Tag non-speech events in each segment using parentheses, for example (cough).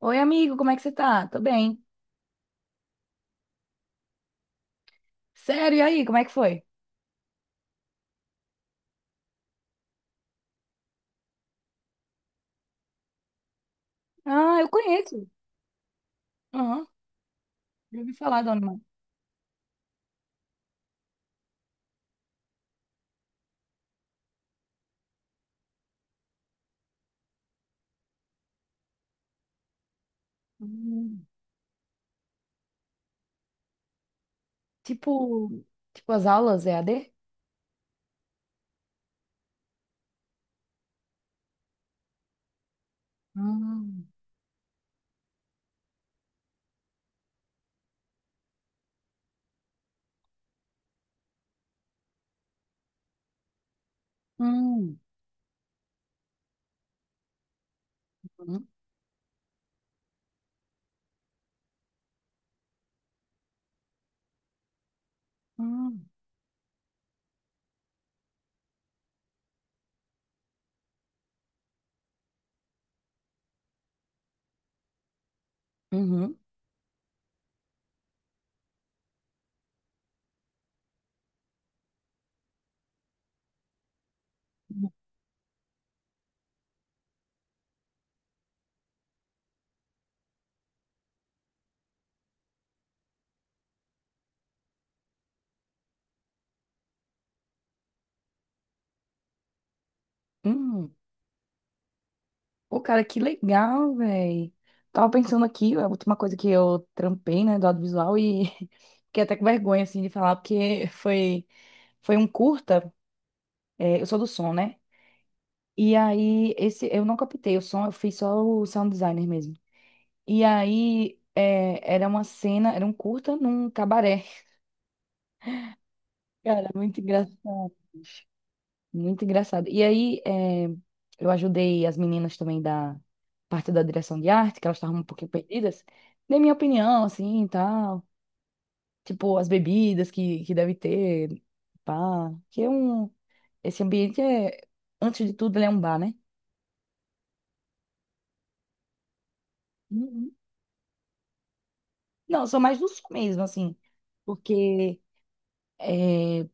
Oi, amigo, como é que você tá? Tô bem. Sério, e aí, como é que foi? Ah, eu conheço. Aham, já ouvi falar, dona. Mãe. Hum. Tipo, tipo as aulas EAD? Hum, hum, hum, hum, uhum, hum. Pô, cara, que legal, velho. Tava pensando aqui, a última coisa que eu trampei, né, do audiovisual e (laughs) fiquei até com vergonha, assim, de falar, porque foi, foi um curta, é, eu sou do som, né? E aí, esse, eu não captei o som, eu fiz só o sound designer mesmo. E aí, é, era uma cena, era um curta num cabaré. (laughs) Cara, muito engraçado. Muito engraçado. E aí, é, eu ajudei as meninas também da parte da direção de arte, que elas estavam um pouquinho perdidas. Dei minha opinião, assim, e tal. Tipo, as bebidas que deve ter, pá. Que é um... Esse ambiente é, antes de tudo, ele é um bar, né? Uhum. Não, eu sou mais do sul mesmo, assim, porque é,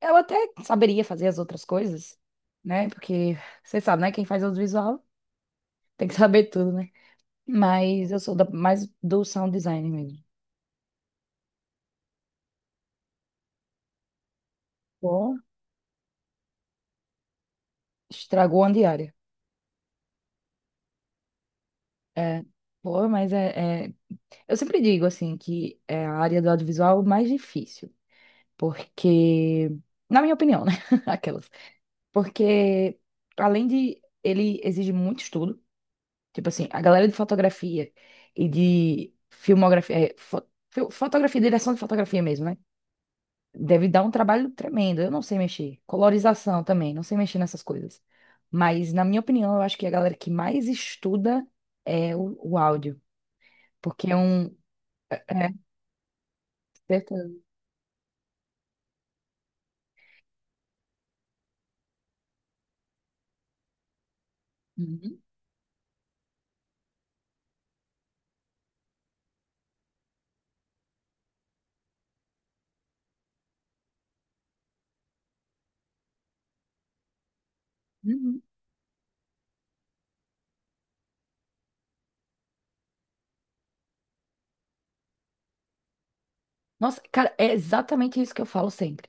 eu até saberia fazer as outras coisas, né? Porque você sabe, né? Quem faz audiovisual tem que (laughs) saber tudo, né? Mas eu sou da- mais do sound design mesmo. Pô, estragou a diária. É, pô, mas é, é- eu sempre digo, assim, que é a área do audiovisual mais difícil, porque... Na minha opinião, né? (laughs) Aquelas. Porque, além de... Ele exige muito estudo. Tipo assim, a galera de fotografia e de filmografia, é, fo- fil- fotografia, direção de fotografia mesmo, né? Deve dar um trabalho tremendo. Eu não sei mexer. Colorização também, não sei mexer nessas coisas. Mas, na minha opinião, eu acho que a galera que mais estuda é o áudio. Porque é um. É, certeza. Uhum, uhum. Nossa, cara, é exatamente isso que eu falo sempre.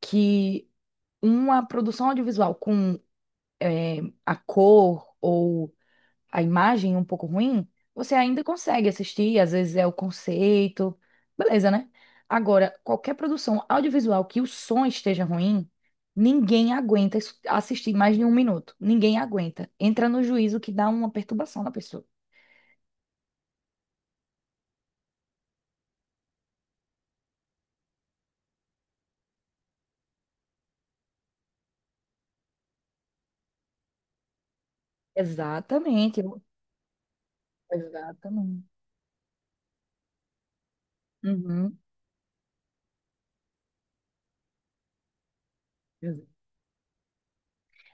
Que uma produção audiovisual com é, a cor ou a imagem um pouco ruim, você ainda consegue assistir, às vezes é o conceito, beleza, né? Agora, qualquer produção audiovisual que o som esteja ruim, ninguém aguenta isso- assistir mais de um minuto. Ninguém aguenta. Entra no juízo que dá uma perturbação na pessoa. Exatamente. Exatamente. Uhum.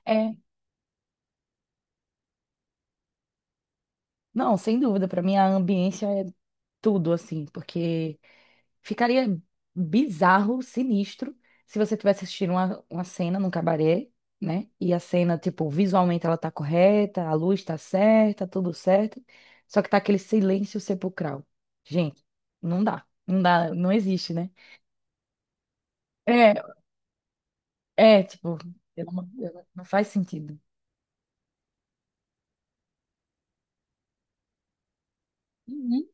É, não, sem dúvida, para mim a ambiência é tudo assim, porque ficaria bizarro, sinistro, se você tivesse assistindo uma cena num cabaré, né? E a cena, tipo, visualmente ela tá correta, a luz tá certa, tudo certo, só que tá aquele silêncio sepulcral. Gente, não dá, não dá, não existe, né? É, é, tipo, pelo amor de Deus, não faz sentido. Uhum.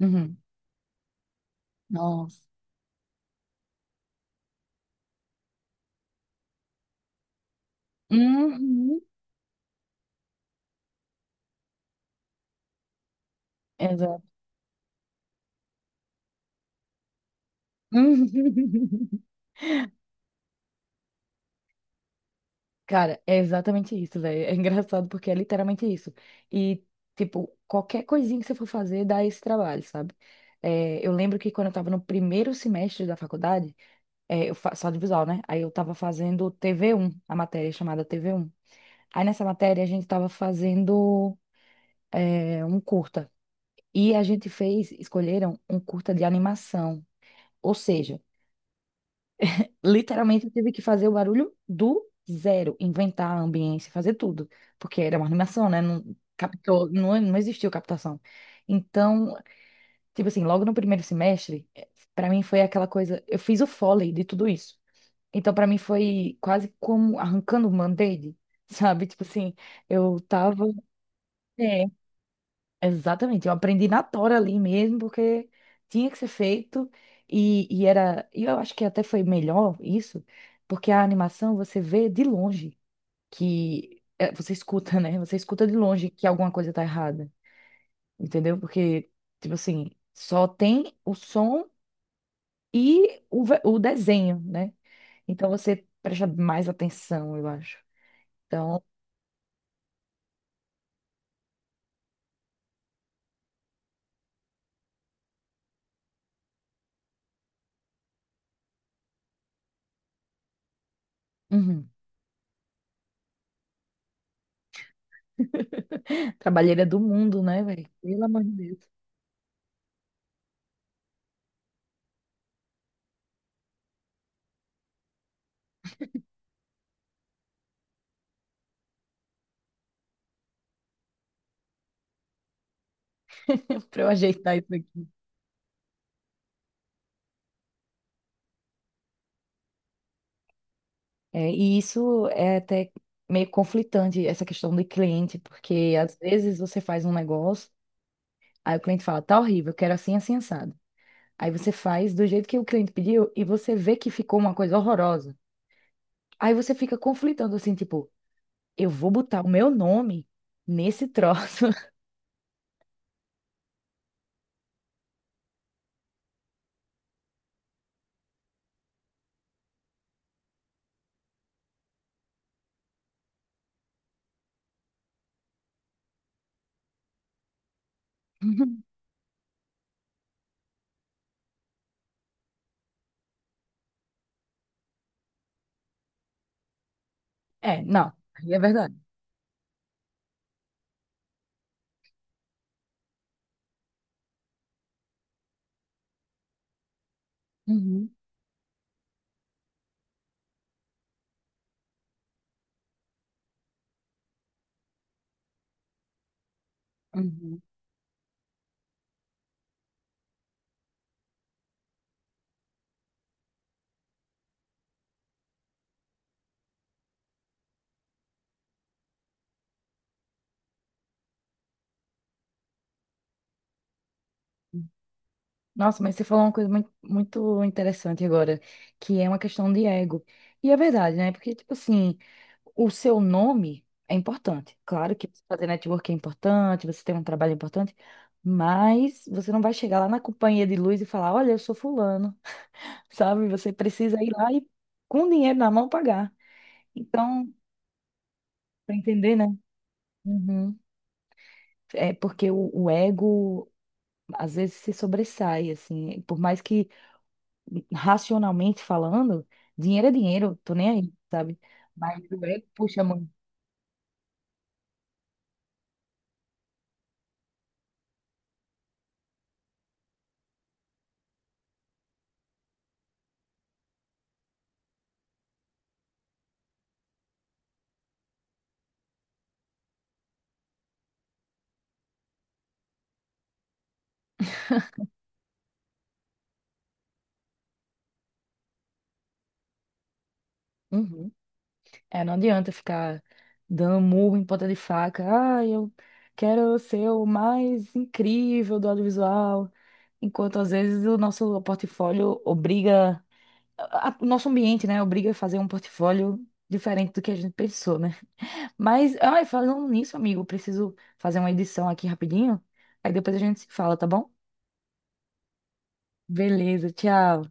Uhum. Nossa. Uhum. Exato. (laughs) Cara, é exatamente isso, velho. É engraçado porque é literalmente isso. E, tipo, qualquer coisinha que você for fazer dá esse trabalho, sabe? É, eu lembro que quando eu tava no primeiro semestre da faculdade, é, eu faço audiovisual, né? Aí eu tava fazendo tv um a matéria chamada tv um. Aí nessa matéria a gente tava fazendo, é, um curta. E a gente fez, escolheram um curta de animação. Ou seja, literalmente, eu tive que fazer o barulho do zero, inventar a ambiência, fazer tudo, porque era uma animação, né? Não captou, não, não existiu captação. Então, tipo assim, logo no primeiro semestre, para mim foi aquela coisa, eu fiz o Foley de tudo isso. Então, para mim foi quase como arrancando um band-aid, (laughs) sabe? Tipo assim, eu tava, é, exatamente, eu aprendi na tora ali mesmo, porque tinha que ser feito, e era, e eu acho que até foi melhor isso, porque a animação você vê de longe, que é, você escuta, né? Você escuta de longe que alguma coisa tá errada, entendeu? Porque, tipo assim, só tem o som e o, ve- o desenho, né? Então você presta mais atenção, eu acho. Então, uhum. Trabalheira do mundo, né, velho? Pelo amor de Deus, (laughs) pra eu ajeitar isso aqui. É, e isso é até meio conflitante, essa questão do cliente, porque às vezes você faz um negócio, aí o cliente fala, tá horrível, eu quero assim, assim, assado. Aí você faz do jeito que o cliente pediu e você vê que ficou uma coisa horrorosa. Aí você fica conflitando assim, tipo, eu vou botar o meu nome nesse troço. (laughs) É, não, aí é verdade. Uhum, uhum. Nossa, mas você falou uma coisa muito interessante agora, que é uma questão de ego. E é verdade, né? Porque, tipo assim, o seu nome é importante. Claro que você fazer network é importante, você tem um trabalho é importante, mas você não vai chegar lá na companhia de luz e falar, olha, eu sou fulano, (laughs) sabe? Você precisa ir lá e, com dinheiro na mão, pagar. Então, para entender, né? Uhum. É porque o ego, às vezes, se sobressai, assim, por mais que racionalmente falando, dinheiro é dinheiro, tô nem aí, sabe? Mas o ego puxa muito. Uhum. É, não adianta ficar dando murro em ponta de faca. Ah, eu quero ser o mais incrível do audiovisual. Enquanto às vezes o nosso portfólio obriga, a- o nosso ambiente, né, obriga a fazer um portfólio diferente do que a gente pensou, né? Mas, ai, falando nisso, amigo, eu preciso fazer uma edição aqui rapidinho. Aí depois a gente se fala, tá bom? Beleza, tchau.